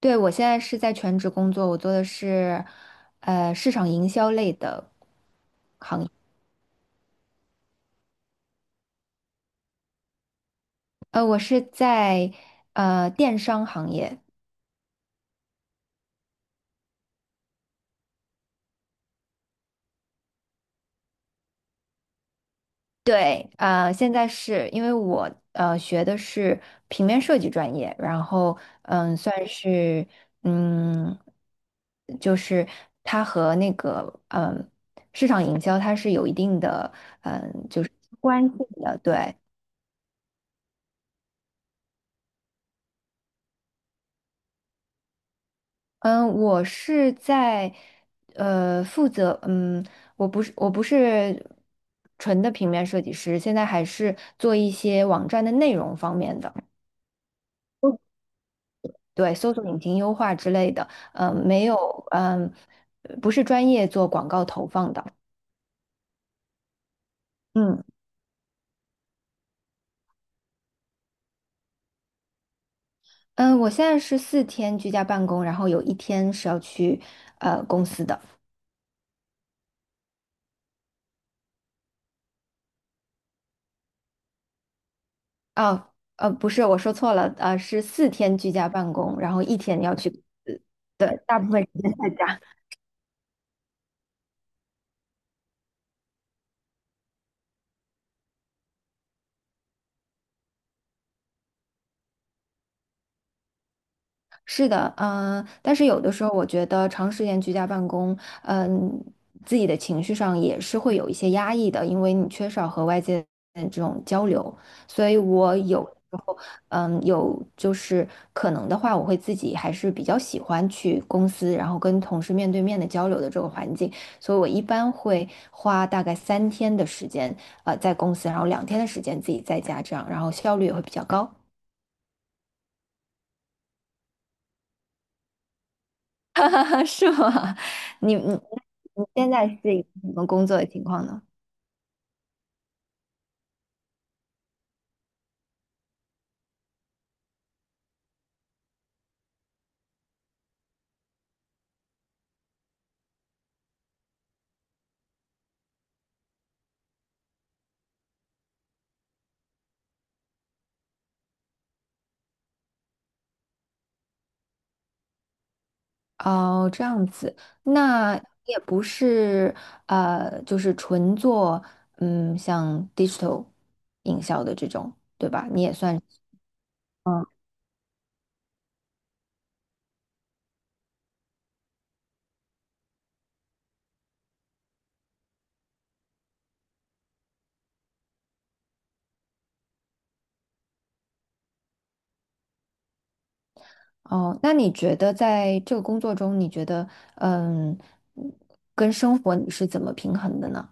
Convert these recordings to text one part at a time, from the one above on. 对，我现在是在全职工作，我做的是市场营销类的，我是在电商行业。对，现在是因为我学的是平面设计专业，然后算是嗯，就是它和那个市场营销它是有一定的关系的，对，嗯，我是在负责，我不是纯的平面设计师，现在还是做一些网站的内容方面的，对，搜索引擎优化之类的，嗯，没有，嗯，不是专业做广告投放的，嗯嗯，我现在是四天居家办公，然后有一天是要去公司的，啊不是，我说错了，是四天居家办公，然后一天要去，大部分时间在家。是的，但是有的时候我觉得长时间居家办公，嗯、自己的情绪上也是会有一些压抑的，因为你缺少和外界的这种交流，所以我有时候，嗯，有就是可能的话，我会自己还是比较喜欢去公司，然后跟同事面对面的交流的这个环境，所以我一般会花大概三天的时间，在公司，然后两天的时间自己在家这样，然后效率也会比较高。是吗？你 你现在是一个什么工作的情况呢？哦，这样子，那也不是就是纯做像 digital 营销的这种，对吧？你也算是嗯，哦，那你觉得在这个工作中，你觉得嗯，跟生活你是怎么平衡的呢？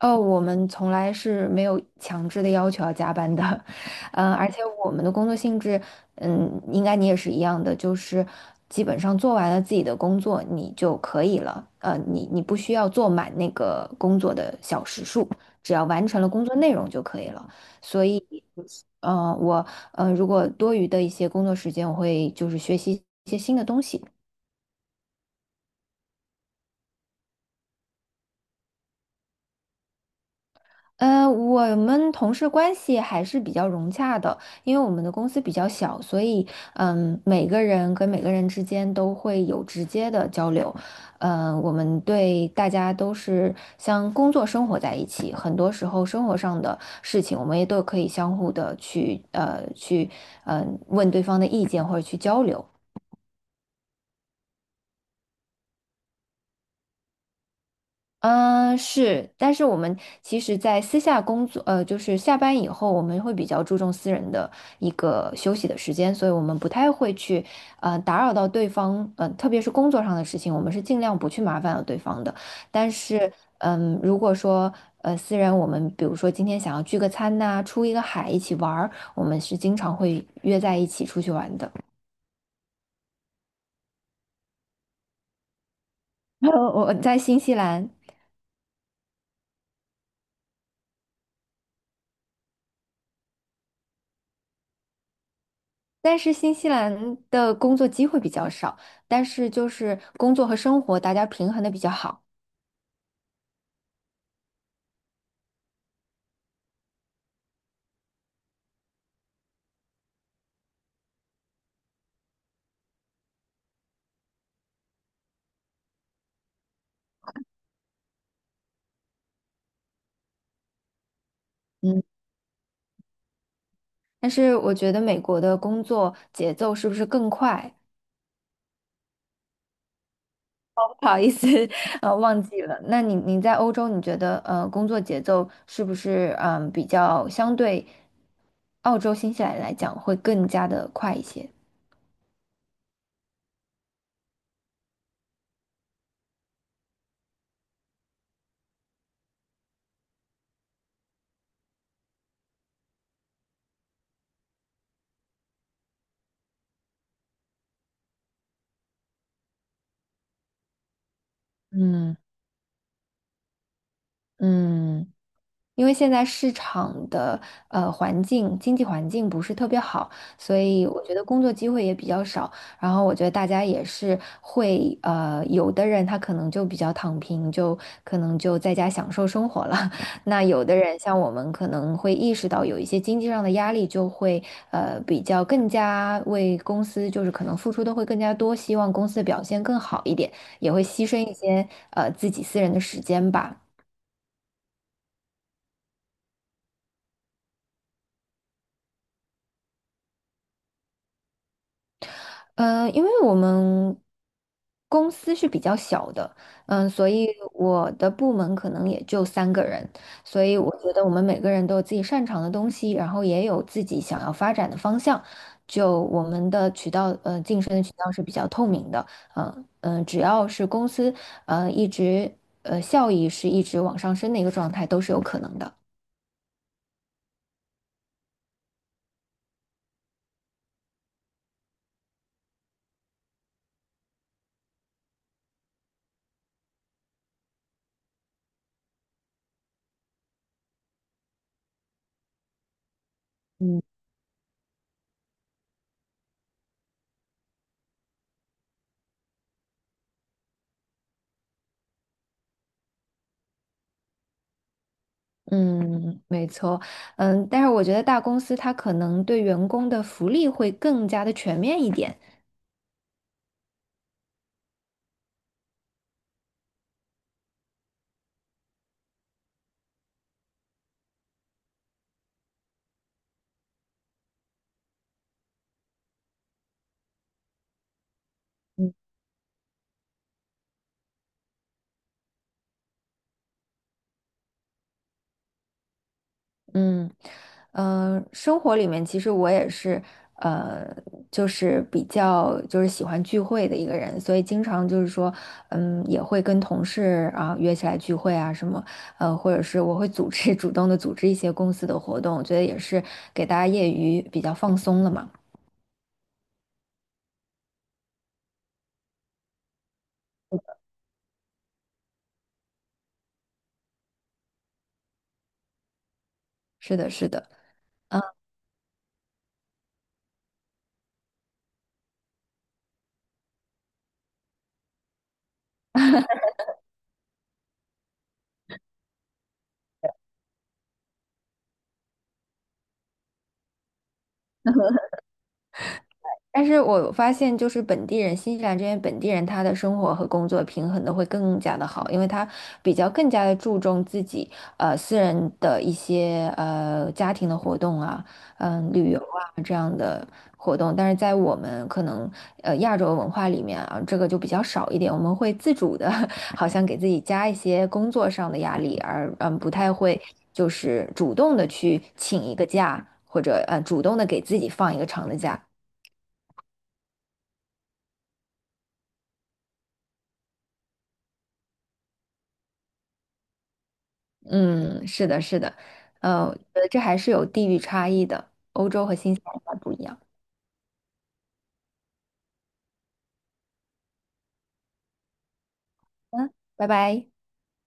哦，我们从来是没有强制的要求要加班的，而且我们的工作性质，应该你也是一样的，就是基本上做完了自己的工作，你就可以了，你不需要做满那个工作的小时数，只要完成了工作内容就可以了。所以，呃，我如果多余的一些工作时间，我会就是学习一些新的东西。我们同事关系还是比较融洽的，因为我们的公司比较小，所以每个人跟每个人之间都会有直接的交流。嗯，我们对大家都是像工作生活在一起，很多时候生活上的事情，我们也都可以相互的去去问对方的意见或者去交流。嗯，是，但是我们其实，在私下工作，就是下班以后，我们会比较注重私人的一个休息的时间，所以我们不太会去，打扰到对方，特别是工作上的事情，我们是尽量不去麻烦到对方的。但是，如果说，私人，我们比如说今天想要聚个餐呐、出一个海，一起玩儿，我们是经常会约在一起出去玩的。我在新西兰，但是新西兰的工作机会比较少，但是就是工作和生活大家平衡的比较好。嗯，但是我觉得美国的工作节奏是不是更快？不好意思，忘记了。那你在欧洲，你觉得工作节奏是不是比较相对澳洲、新西兰来讲会更加的快一些？嗯嗯。因为现在市场的环境、经济环境不是特别好，所以我觉得工作机会也比较少。然后我觉得大家也是会有的人他可能就比较躺平，就可能就在家享受生活了。那有的人像我们可能会意识到有一些经济上的压力，就会比较更加为公司就是可能付出的会更加多，希望公司的表现更好一点，也会牺牲一些自己私人的时间吧。嗯，因为我们公司是比较小的，嗯，所以我的部门可能也就三个人，所以我觉得我们每个人都有自己擅长的东西，然后也有自己想要发展的方向，就我们的渠道，晋升的渠道是比较透明的，只要是公司，一直效益是一直往上升的一个状态，都是有可能的。嗯。嗯，没错，嗯，但是我觉得大公司它可能对员工的福利会更加的全面一点。嗯，嗯，生活里面其实我也是，呃，就是比较就是喜欢聚会的一个人，所以经常就是说，也会跟同事啊约起来聚会啊什么，或者是我会组织 主动的组织一些公司的活动，我觉得也是给大家业余比较放松了嘛。是的，是的。嗯。但是我发现，就是本地人，新西兰这边本地人，他的生活和工作平衡的会更加的好，因为他比较更加的注重自己私人的一些家庭的活动啊，旅游啊这样的活动。但是在我们可能亚洲文化里面啊，这个就比较少一点，我们会自主的，好像给自己加一些工作上的压力，而不太会就是主动的去请一个假，或者主动的给自己放一个长的假。嗯，是的，是的，我觉得这还是有地域差异的，欧洲和新西兰还不一样。嗯，拜拜。